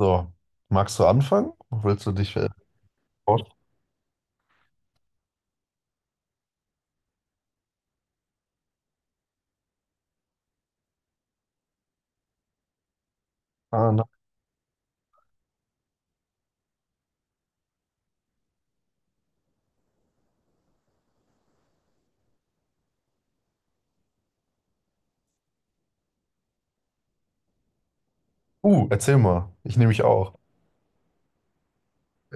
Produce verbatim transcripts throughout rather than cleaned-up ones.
So, magst du anfangen? Willst du dich äh, vorstellen? Uh, erzähl mal. Ich nehme mich auch.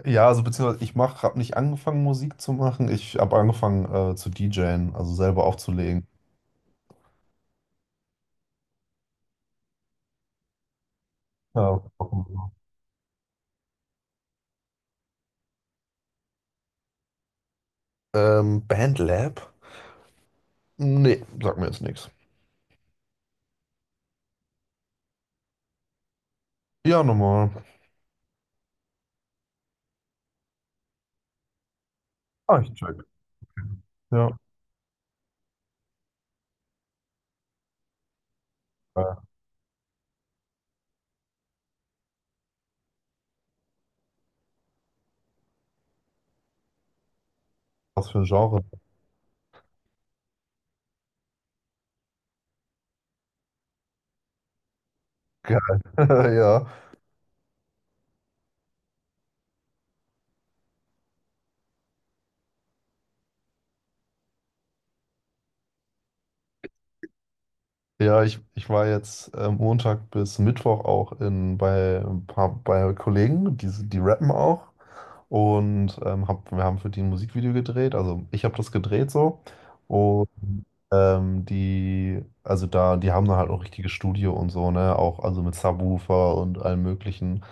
Ja, also beziehungsweise ich mach, habe nicht angefangen, Musik zu machen. Ich habe angefangen äh, zu DJen, also selber aufzulegen. Ja. Ähm, Bandlab? Nee, sag mir jetzt nichts. Ja, nochmal. Ah, ich check. Ja. Äh, Was für ein Genre? Geil. Ja. Ja, ich, ich war jetzt äh, Montag bis Mittwoch auch in, bei ein paar bei Kollegen, die, die rappen auch. Und ähm, hab, wir haben für die ein Musikvideo gedreht, also ich habe das gedreht so. Und ähm, die, also da, die haben dann halt auch richtiges Studio und so, ne? Auch also mit Subwoofer und allem Möglichen.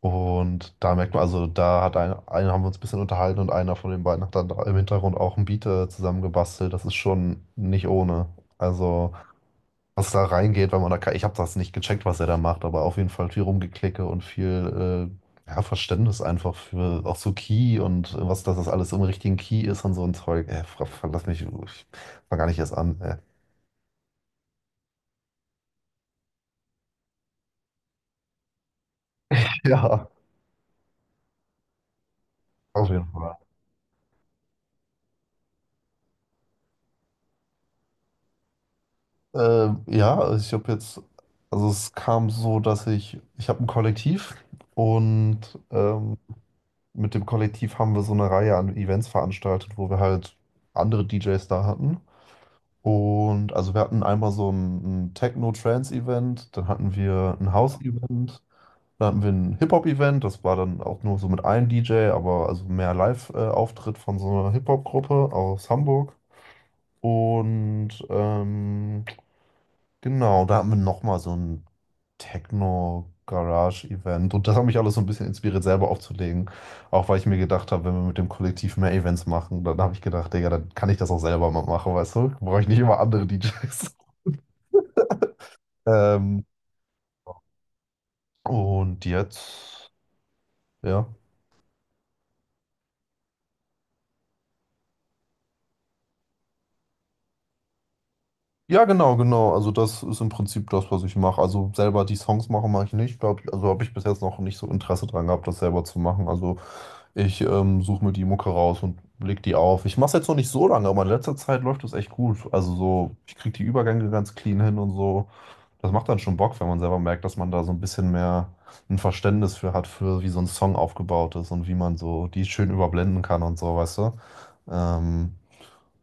Und da merkt man, also da hat ein, einen haben wir uns ein bisschen unterhalten und einer von den beiden hat dann da im Hintergrund auch ein Beat äh, zusammengebastelt. Das ist schon nicht ohne. Also was da reingeht, weil man da, ke- ich habe das nicht gecheckt, was er da macht, aber auf jeden Fall viel Rumgeklicke und viel äh, ja, Verständnis einfach für auch so Key und äh, was, dass das alles im richtigen Key ist und so ein Zeug. Äh, fra- fra- lass mich, ich fang gar nicht erst an. Äh. Ja, auf jeden Fall. Ähm, ja, also ich habe jetzt, also es kam so, dass ich, ich habe ein Kollektiv und ähm, mit dem Kollektiv haben wir so eine Reihe an Events veranstaltet, wo wir halt andere D Js da hatten. Und also wir hatten einmal so ein, ein Techno-Trance-Event, dann hatten wir ein House-Event, dann hatten wir ein Hip-Hop-Event, das war dann auch nur so mit einem D J, aber also mehr Live-Auftritt von so einer Hip-Hop-Gruppe aus Hamburg. Und ähm, genau, da hatten wir nochmal so ein Techno-Garage-Event. Und das hat mich alles so ein bisschen inspiriert, selber aufzulegen. Auch weil ich mir gedacht habe, wenn wir mit dem Kollektiv mehr Events machen, dann habe ich gedacht, Digga, dann kann ich das auch selber mal machen, weißt du? Brauche ich nicht immer andere D Js. Ähm, und jetzt, ja. Ja, genau, genau. Also das ist im Prinzip das, was ich mache. Also selber die Songs machen mache ich nicht, glaube ich. Also habe ich bis jetzt noch nicht so Interesse dran gehabt, das selber zu machen. Also ich ähm, suche mir die Mucke raus und leg die auf. Ich mache es jetzt noch nicht so lange, aber in letzter Zeit läuft das echt gut. Also so, ich kriege die Übergänge ganz clean hin und so. Das macht dann schon Bock, wenn man selber merkt, dass man da so ein bisschen mehr ein Verständnis für hat, für wie so ein Song aufgebaut ist und wie man so die schön überblenden kann und so, weißt du? Ähm,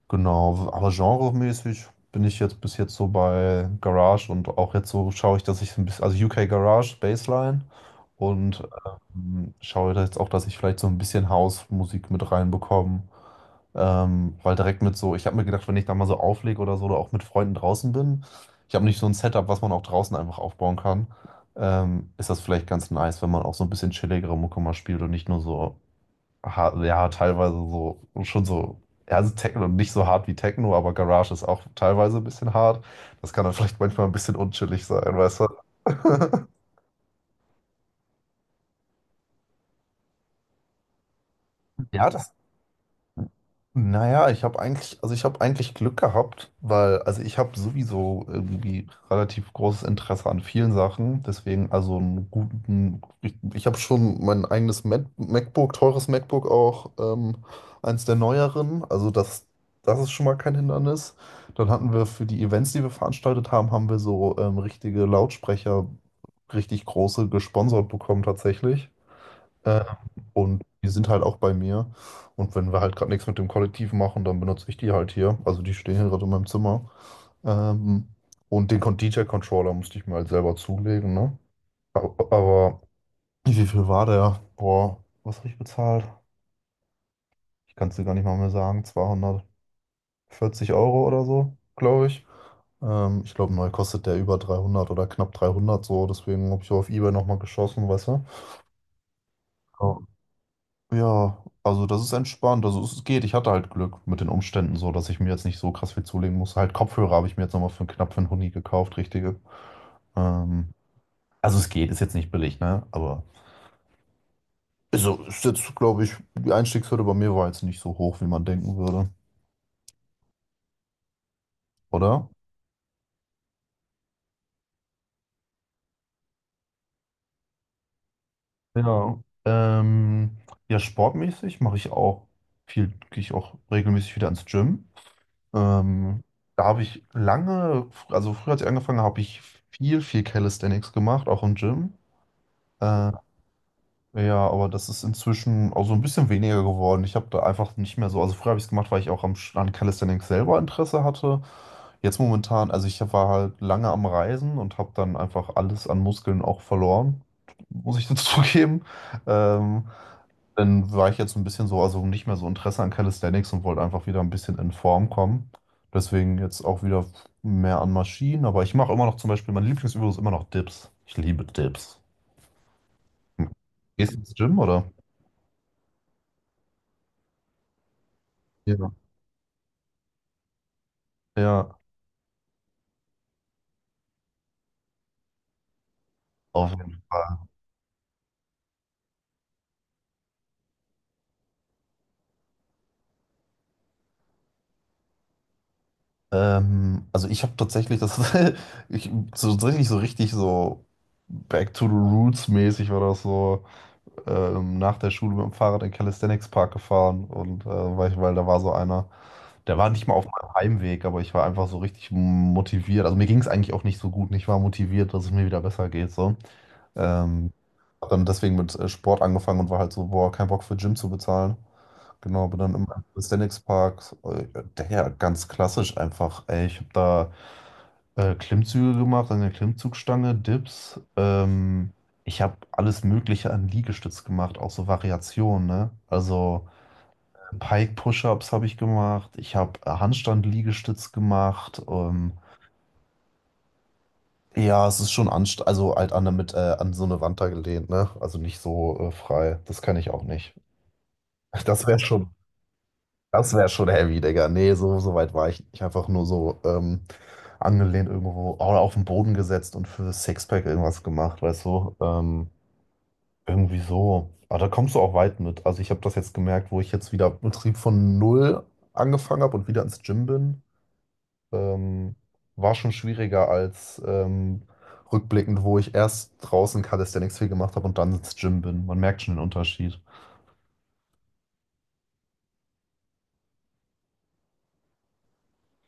Genau, aber genremäßig bin ich jetzt bis jetzt so bei Garage und auch jetzt so schaue ich, dass ich so ein bisschen, also U K Garage, Bassline und ähm, schaue da jetzt auch, dass ich vielleicht so ein bisschen House-Musik mit reinbekomme. Ähm, weil direkt mit so, ich habe mir gedacht, wenn ich da mal so auflege oder so oder auch mit Freunden draußen bin, ich habe nicht so ein Setup, was man auch draußen einfach aufbauen kann, ähm, ist das vielleicht ganz nice, wenn man auch so ein bisschen chilligere Mucke mal spielt und nicht nur so ha- ja, teilweise so, schon so, ja, also Techno, nicht so hart wie Techno, aber Garage ist auch teilweise ein bisschen hart. Das kann dann vielleicht manchmal ein bisschen unchillig sein, weißt du? Ja, das, naja, ich habe eigentlich, also ich habe eigentlich Glück gehabt, weil, also ich habe sowieso irgendwie relativ großes Interesse an vielen Sachen. Deswegen, also einen guten, ich, ich habe schon mein eigenes Mac MacBook, teures MacBook auch, ähm, eins der neueren. Also das, das ist schon mal kein Hindernis. Dann hatten wir für die Events, die wir veranstaltet haben, haben wir so ähm, richtige Lautsprecher, richtig große gesponsert bekommen tatsächlich. Äh, und die sind halt auch bei mir. Und wenn wir halt gerade nichts mit dem Kollektiv machen, dann benutze ich die halt hier. Also die stehen hier gerade in meinem Zimmer. Ähm, und den Con- D J-Controller musste ich mir halt selber zulegen, ne? Aber, aber wie viel war der? Boah, was habe ich bezahlt? Ich kann es dir gar nicht mal mehr sagen. Zweihundertvierzig Euro oder so, glaube ich. Ähm, ich glaube, neu kostet der über dreihundert oder knapp dreihundert so. Deswegen habe ich auf eBay nochmal geschossen, weißt du? Ja, also das ist entspannt. Also es geht. Ich hatte halt Glück mit den Umständen so, dass ich mir jetzt nicht so krass viel zulegen muss. Halt Kopfhörer habe ich mir jetzt nochmal für knapp für einen Huni gekauft, richtige. Ähm, also es geht, ist jetzt nicht billig, ne? Aber also ist jetzt, glaube ich, die Einstiegshürde bei mir war jetzt nicht so hoch, wie man denken würde, oder? Ja. Ähm, ja, sportmäßig mache ich auch viel, gehe ich auch regelmäßig wieder ins Gym. Ähm, da habe ich lange, also früher als ich angefangen habe, habe ich viel, viel Calisthenics gemacht, auch im Gym. Äh, ja, aber das ist inzwischen auch so ein bisschen weniger geworden. Ich habe da einfach nicht mehr so. Also früher habe ich es gemacht, weil ich auch am, Sch- an Calisthenics selber Interesse hatte. Jetzt momentan, also ich war halt lange am Reisen und habe dann einfach alles an Muskeln auch verloren, muss ich dazu zugeben. Ähm, dann war ich jetzt ein bisschen so, also nicht mehr so Interesse an Calisthenics und wollte einfach wieder ein bisschen in Form kommen. Deswegen jetzt auch wieder mehr an Maschinen. Aber ich mache immer noch zum Beispiel, meine Lieblingsübung ist immer noch Dips. Ich liebe Dips. Gehst du ins Gym oder? Ja, ja, auf jeden Fall. Ähm, also ich habe tatsächlich das, ich, so, tatsächlich so richtig so Back to the Roots mäßig war das so ähm, nach der Schule mit dem Fahrrad in den Calisthenics Park gefahren und äh, weil, ich, weil da war so einer, der war nicht mal auf meinem Heimweg, aber ich war einfach so richtig motiviert. Also mir ging es eigentlich auch nicht so gut. und Ich war motiviert, dass es mir wieder besser geht so. Ähm, hab dann deswegen mit äh, Sport angefangen und war halt so, boah, kein Bock für Gym zu bezahlen. Genau, aber dann im Aesthetics Park, äh, der ja ganz klassisch einfach, ey, ich habe da äh, Klimmzüge gemacht an der Klimmzugstange, Dips, ähm, ich habe alles Mögliche an Liegestütz gemacht, auch so Variationen, ne? Also Pike Push-Ups habe ich gemacht, ich habe Handstand-Liegestütz gemacht, ähm, ja, es ist schon anst also halt an, mit, äh, an so eine Wand da gelehnt, ne? Also nicht so äh, frei, das kann ich auch nicht. Das wäre schon Das wäre schon heavy, Digga. Nee, so, so weit war ich nicht. Einfach nur so ähm, angelehnt irgendwo oder auf den Boden gesetzt und für das Sixpack irgendwas gemacht, weißt du? Ähm, irgendwie so. Aber da kommst du auch weit mit. Also ich habe das jetzt gemerkt, wo ich jetzt wieder Betrieb von null angefangen habe und wieder ins Gym bin. Ähm, war schon schwieriger als ähm, rückblickend, wo ich erst draußen Calisthenics viel gemacht habe und dann ins Gym bin. Man merkt schon den Unterschied.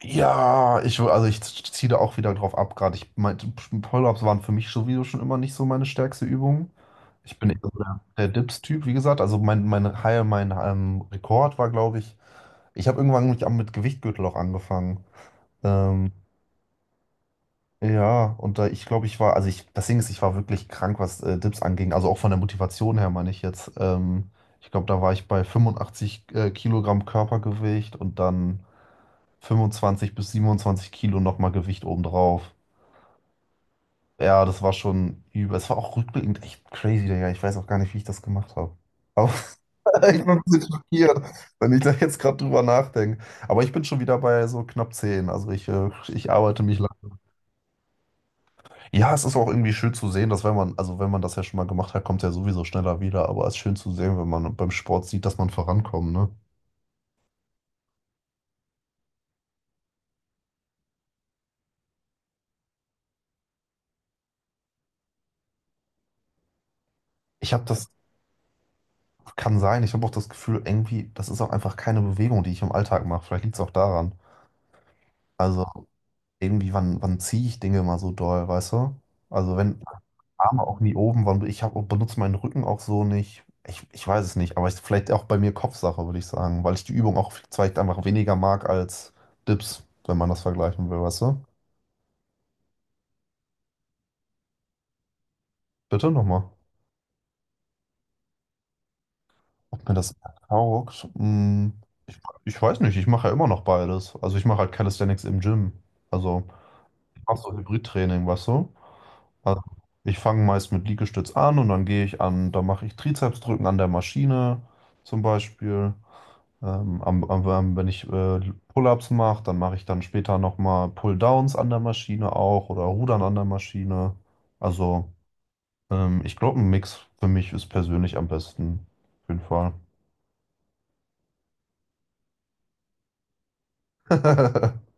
Ja, ich, also ich ziehe da auch wieder drauf ab, gerade ich meinte, Pull-ups waren für mich sowieso schon immer nicht so meine stärkste Übung. Ich bin eher so der, der Dips-Typ, wie gesagt. Also mein, mein High, mein ähm, Rekord war, glaube ich, ich habe irgendwann mit, mit Gewichtgürtel auch angefangen. Ähm, ja, und da ich glaube, ich war, also ich, das Ding ist, ich war wirklich krank, was äh, Dips anging. Also auch von der Motivation her, meine ich jetzt. Ähm, ich glaube, da war ich bei fünfundachtzig äh, Kilogramm Körpergewicht und dann fünfundzwanzig bis siebenundzwanzig Kilo nochmal Gewicht obendrauf. Ja, das war schon übel. Es war auch rückblickend echt crazy, Digga. Ich weiß auch gar nicht, wie ich das gemacht habe. Aber ich bin ein bisschen schockiert, wenn ich da jetzt gerade drüber nachdenke. Aber ich bin schon wieder bei so knapp zehn. Also ich, äh, ich arbeite mich lang. Ja, es ist auch irgendwie schön zu sehen, dass wenn man, also wenn man das ja schon mal gemacht hat, kommt es ja sowieso schneller wieder. Aber es ist schön zu sehen, wenn man beim Sport sieht, dass man vorankommt, ne? Ich habe das, kann sein, ich habe auch das Gefühl, irgendwie, das ist auch einfach keine Bewegung, die ich im Alltag mache. Vielleicht liegt es auch daran. Also irgendwie, wann, wann ziehe ich Dinge mal so doll, weißt du? Also wenn Arme auch nie oben, wann ich hab, benutze meinen Rücken auch so nicht. Ich, ich weiß es nicht, aber ich, vielleicht auch bei mir Kopfsache, würde ich sagen, weil ich die Übung auch vielleicht einfach weniger mag als Dips, wenn man das vergleichen will, weißt du? Bitte nochmal. Ob mir das taugt? Hm, ich, ich weiß nicht, ich Also ich fange meist mit Liegestütz an und dann gehe ich an, da mache ich Trizepsdrücken an der Maschine zum Beispiel. Ähm, am, am, am- wenn ich äh, Pull-ups mache, dann mache ich dann später nochmal Pull-downs an der Maschine auch oder Rudern an der Maschine. Also ähm, ich glaube, ein Mix für mich ist persönlich am besten. Auf jeden Fall.